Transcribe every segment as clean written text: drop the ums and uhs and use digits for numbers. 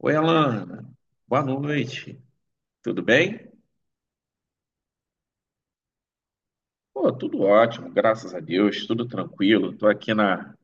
Oi, Alana. Boa noite. Tudo bem? Pô, tudo ótimo, graças a Deus, tudo tranquilo. Estou aqui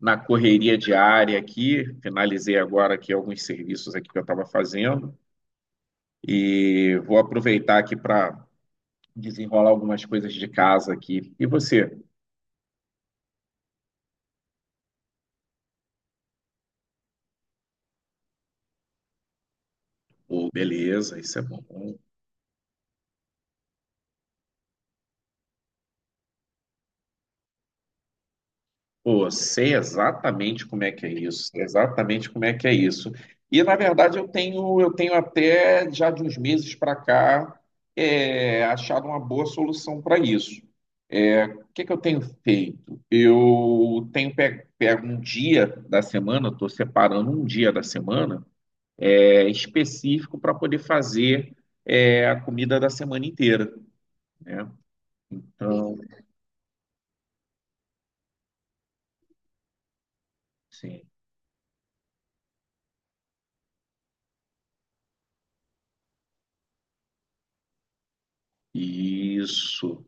na correria diária aqui, finalizei agora aqui alguns serviços aqui que eu estava fazendo e vou aproveitar aqui para desenrolar algumas coisas de casa aqui. E você? Pô, beleza, isso é bom. Pô, sei exatamente como é que é isso, sei exatamente como é que é isso. E na verdade eu tenho até já de uns meses para cá achado uma boa solução para isso. É, o que que eu tenho feito? Eu tenho pego um dia da semana, estou separando um dia da semana específico para poder fazer a comida da semana inteira, né? Então, sim, isso.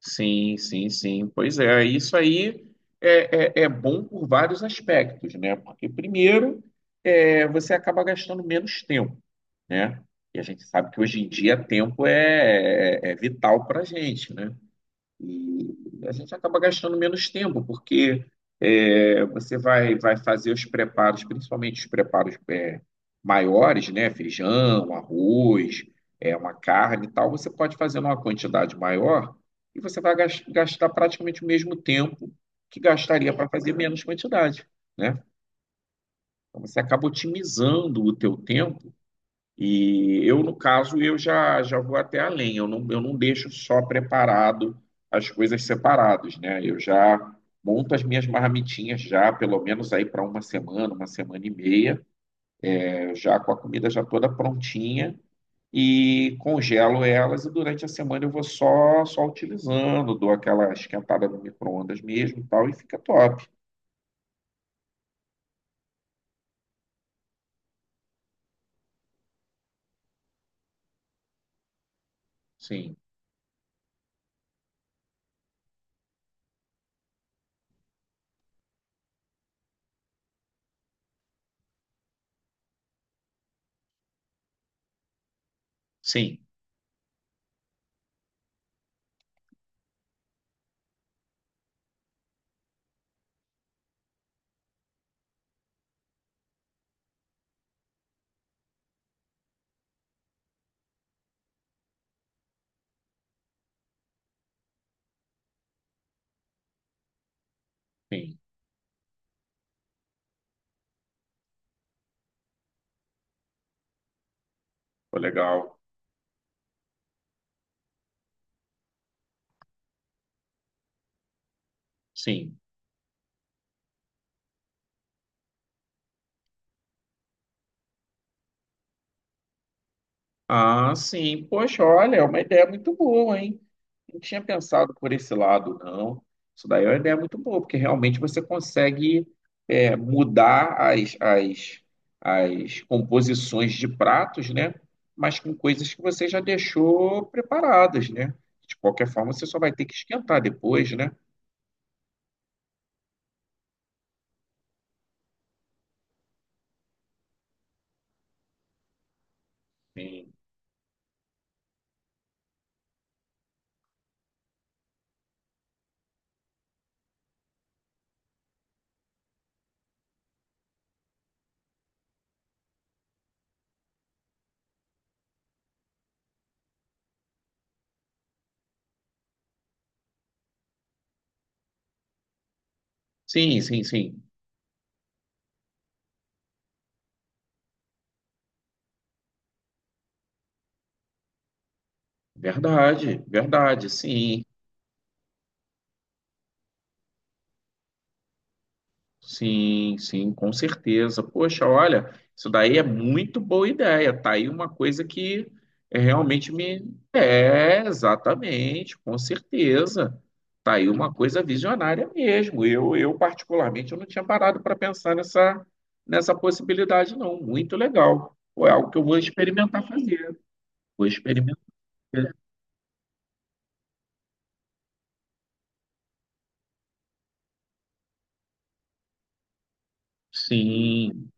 Sim, sim, sim. Pois é, isso aí é bom por vários aspectos, né? Porque, primeiro, você acaba gastando menos tempo, né? E a gente sabe que hoje em dia tempo é vital para a gente, né? E a gente acaba gastando menos tempo, porque você vai fazer os preparos, principalmente os preparos maiores, né? Feijão, arroz, uma carne e tal. Você pode fazer numa quantidade maior e você vai gastar praticamente o mesmo tempo que gastaria para fazer menos quantidade, né? Então, você acaba otimizando o teu tempo e eu, no caso, eu já vou até além, eu não deixo só preparado as coisas separadas, né? Eu já monto as minhas marmitinhas já, pelo menos aí para uma semana e meia, né? Eu já com a comida já toda prontinha e congelo elas e durante a semana eu vou só utilizando, dou aquela esquentada no micro-ondas mesmo e tal, e fica top. Sim, sim, sim, foi legal. Sim. Ah, sim. Poxa, olha, é uma ideia muito boa, hein? Não tinha pensado por esse lado, não. Isso daí é uma ideia muito boa, porque realmente você consegue mudar as composições de pratos, né? Mas com coisas que você já deixou preparadas, né? De qualquer forma, você só vai ter que esquentar depois, né? Sim, sim, sim. Sim. Verdade, verdade, sim. Sim, sim, com certeza. Poxa, olha, isso daí é muito boa ideia. Tá aí uma coisa que é realmente me. É, exatamente, com certeza. Tá aí uma coisa visionária mesmo. Eu particularmente, eu não tinha parado para pensar nessa possibilidade, não. Muito legal. Pô, é algo que eu vou experimentar fazer. Vou experimentar. Sim,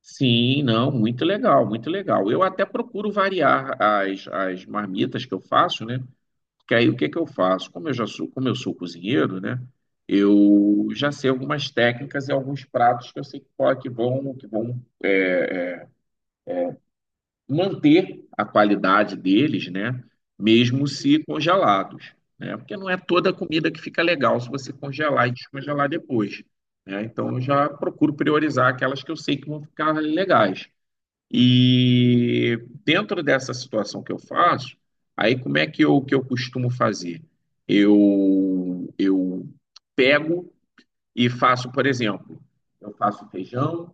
sim, não, muito legal, muito legal. Eu até procuro variar as marmitas que eu faço, né? Que aí o que que eu faço? Como eu já sou, como eu sou cozinheiro, né? Eu já sei algumas técnicas e alguns pratos que eu sei que, que vão manter a qualidade deles, né? Mesmo se congelados, né? Porque não é toda a comida que fica legal se você congelar e descongelar depois, né? Então eu já procuro priorizar aquelas que eu sei que vão ficar legais. E dentro dessa situação que eu faço, aí como é que eu costumo fazer? Eu pego e faço, por exemplo, eu faço feijão,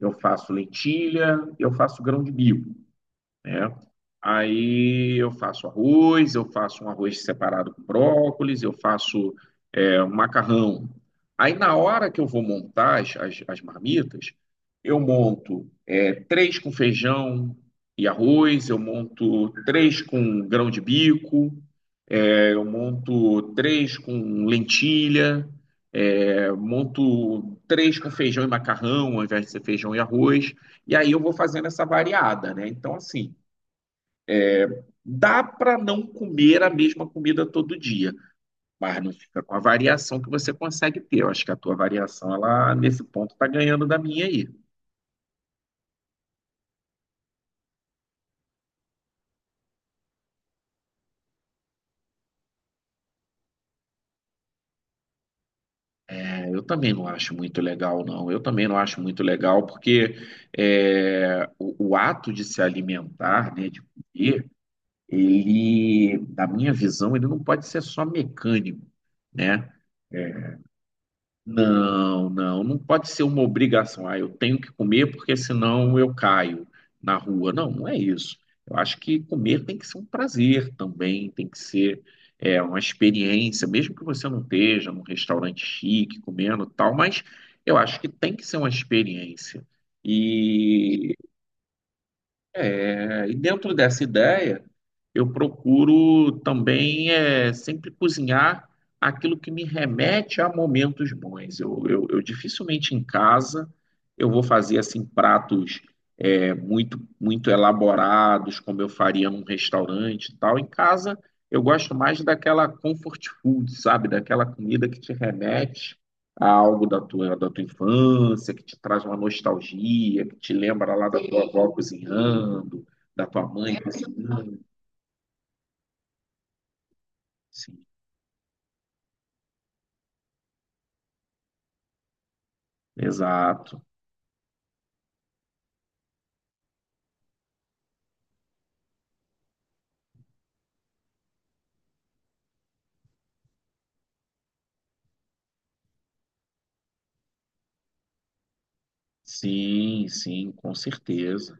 eu faço lentilha, eu faço grão de bico, né? Aí eu faço arroz, eu faço um arroz separado com brócolis, eu faço um macarrão. Aí na hora que eu vou montar as marmitas, eu monto três com feijão e arroz, eu monto três com grão de bico, eu monto três com lentilha, monto três com feijão e macarrão, ao invés de ser feijão e arroz, e aí eu vou fazendo essa variada, né? Então, assim, dá para não comer a mesma comida todo dia, mas não fica com a variação que você consegue ter. Eu acho que a tua variação, ela nesse ponto está ganhando da minha aí. É, eu também não acho muito legal, não. Eu também não acho muito legal, porque o ato de se alimentar, né, de comer, ele, na minha visão, ele não pode ser só mecânico, né? Não, não, não pode ser uma obrigação. Ah, eu tenho que comer porque senão eu caio na rua. Não, não é isso. Eu acho que comer tem que ser um prazer também, tem que ser uma experiência, mesmo que você não esteja num restaurante chique comendo e tal, mas eu acho que tem que ser uma experiência. É, e dentro dessa ideia, eu procuro também sempre cozinhar aquilo que me remete a momentos bons. Eu dificilmente em casa eu vou fazer assim pratos muito elaborados, como eu faria num restaurante e tal. Em casa, eu gosto mais daquela comfort food, sabe? Daquela comida que te remete a algo da tua infância, que te traz uma nostalgia, que te lembra lá da tua avó cozinhando, da tua mãe cozinhando. Sim, exato. Sim, sim, com certeza.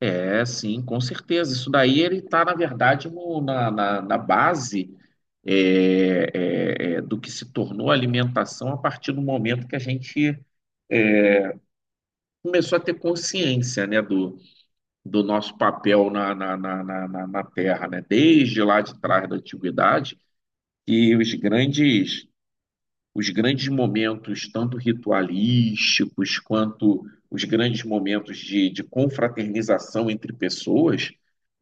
É, sim, com certeza. Isso daí ele está, na verdade, na base do que se tornou a alimentação a partir do momento que a gente começou a ter consciência, né, do nosso papel na Terra, né? Desde lá de trás da antiguidade, que os grandes momentos, tanto ritualísticos quanto os grandes momentos de confraternização entre pessoas,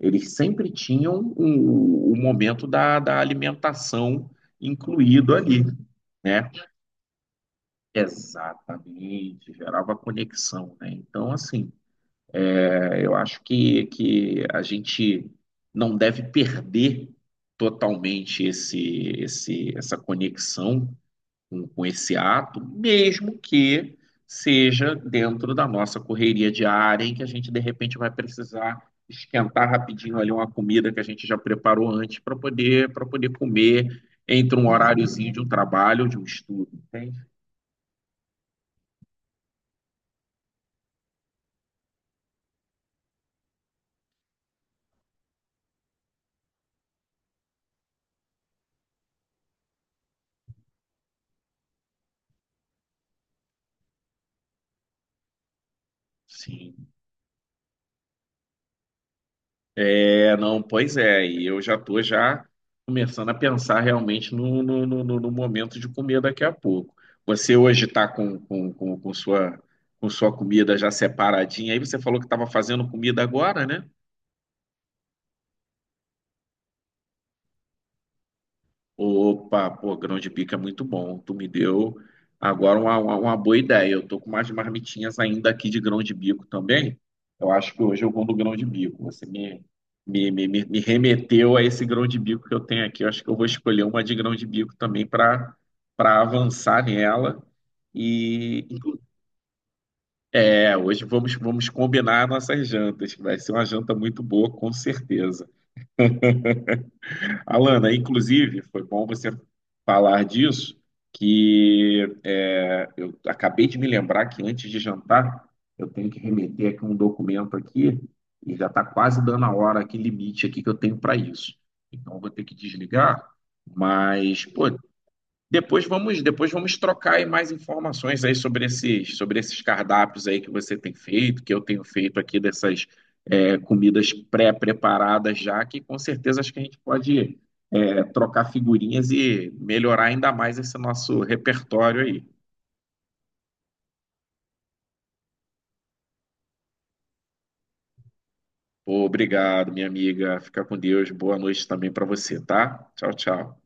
eles sempre tinham o momento da alimentação incluído ali, né? Exatamente, gerava conexão, né? Então, assim, eu acho que a gente não deve perder totalmente essa conexão com esse ato, mesmo que seja dentro da nossa correria diária, em que a gente de repente vai precisar esquentar rapidinho ali uma comida que a gente já preparou antes para poder comer entre um horáriozinho de um trabalho ou de um estudo, entende? Sim. É, não, pois é, e eu já estou já começando a pensar realmente no momento de comer daqui a pouco. Você hoje está com sua comida já separadinha, aí você falou que estava fazendo comida agora, né? Opa, pô, grão de bico é muito bom. Tu me deu agora uma boa ideia. Eu tô com umas marmitinhas ainda aqui de grão de bico também. Eu acho que hoje eu vou no grão de bico. Você me, me, me, me me remeteu a esse grão de bico que eu tenho aqui. Eu acho que eu vou escolher uma de grão de bico também para avançar nela. E é, hoje vamos, vamos combinar nossas jantas, que vai ser uma janta muito boa, com certeza. Alana, inclusive, foi bom você falar disso, que é, eu acabei de me lembrar que antes de jantar eu tenho que remeter aqui um documento aqui e já está quase dando a hora aqui limite aqui que eu tenho para isso. Então eu vou ter que desligar, mas pô, depois vamos trocar aí mais informações aí sobre esses cardápios aí que você tem feito, que eu tenho feito aqui dessas comidas pré-preparadas já, que com certeza acho que a gente pode trocar figurinhas e melhorar ainda mais esse nosso repertório aí. Pô, obrigado, minha amiga. Fica com Deus. Boa noite também para você, tá? Tchau, tchau.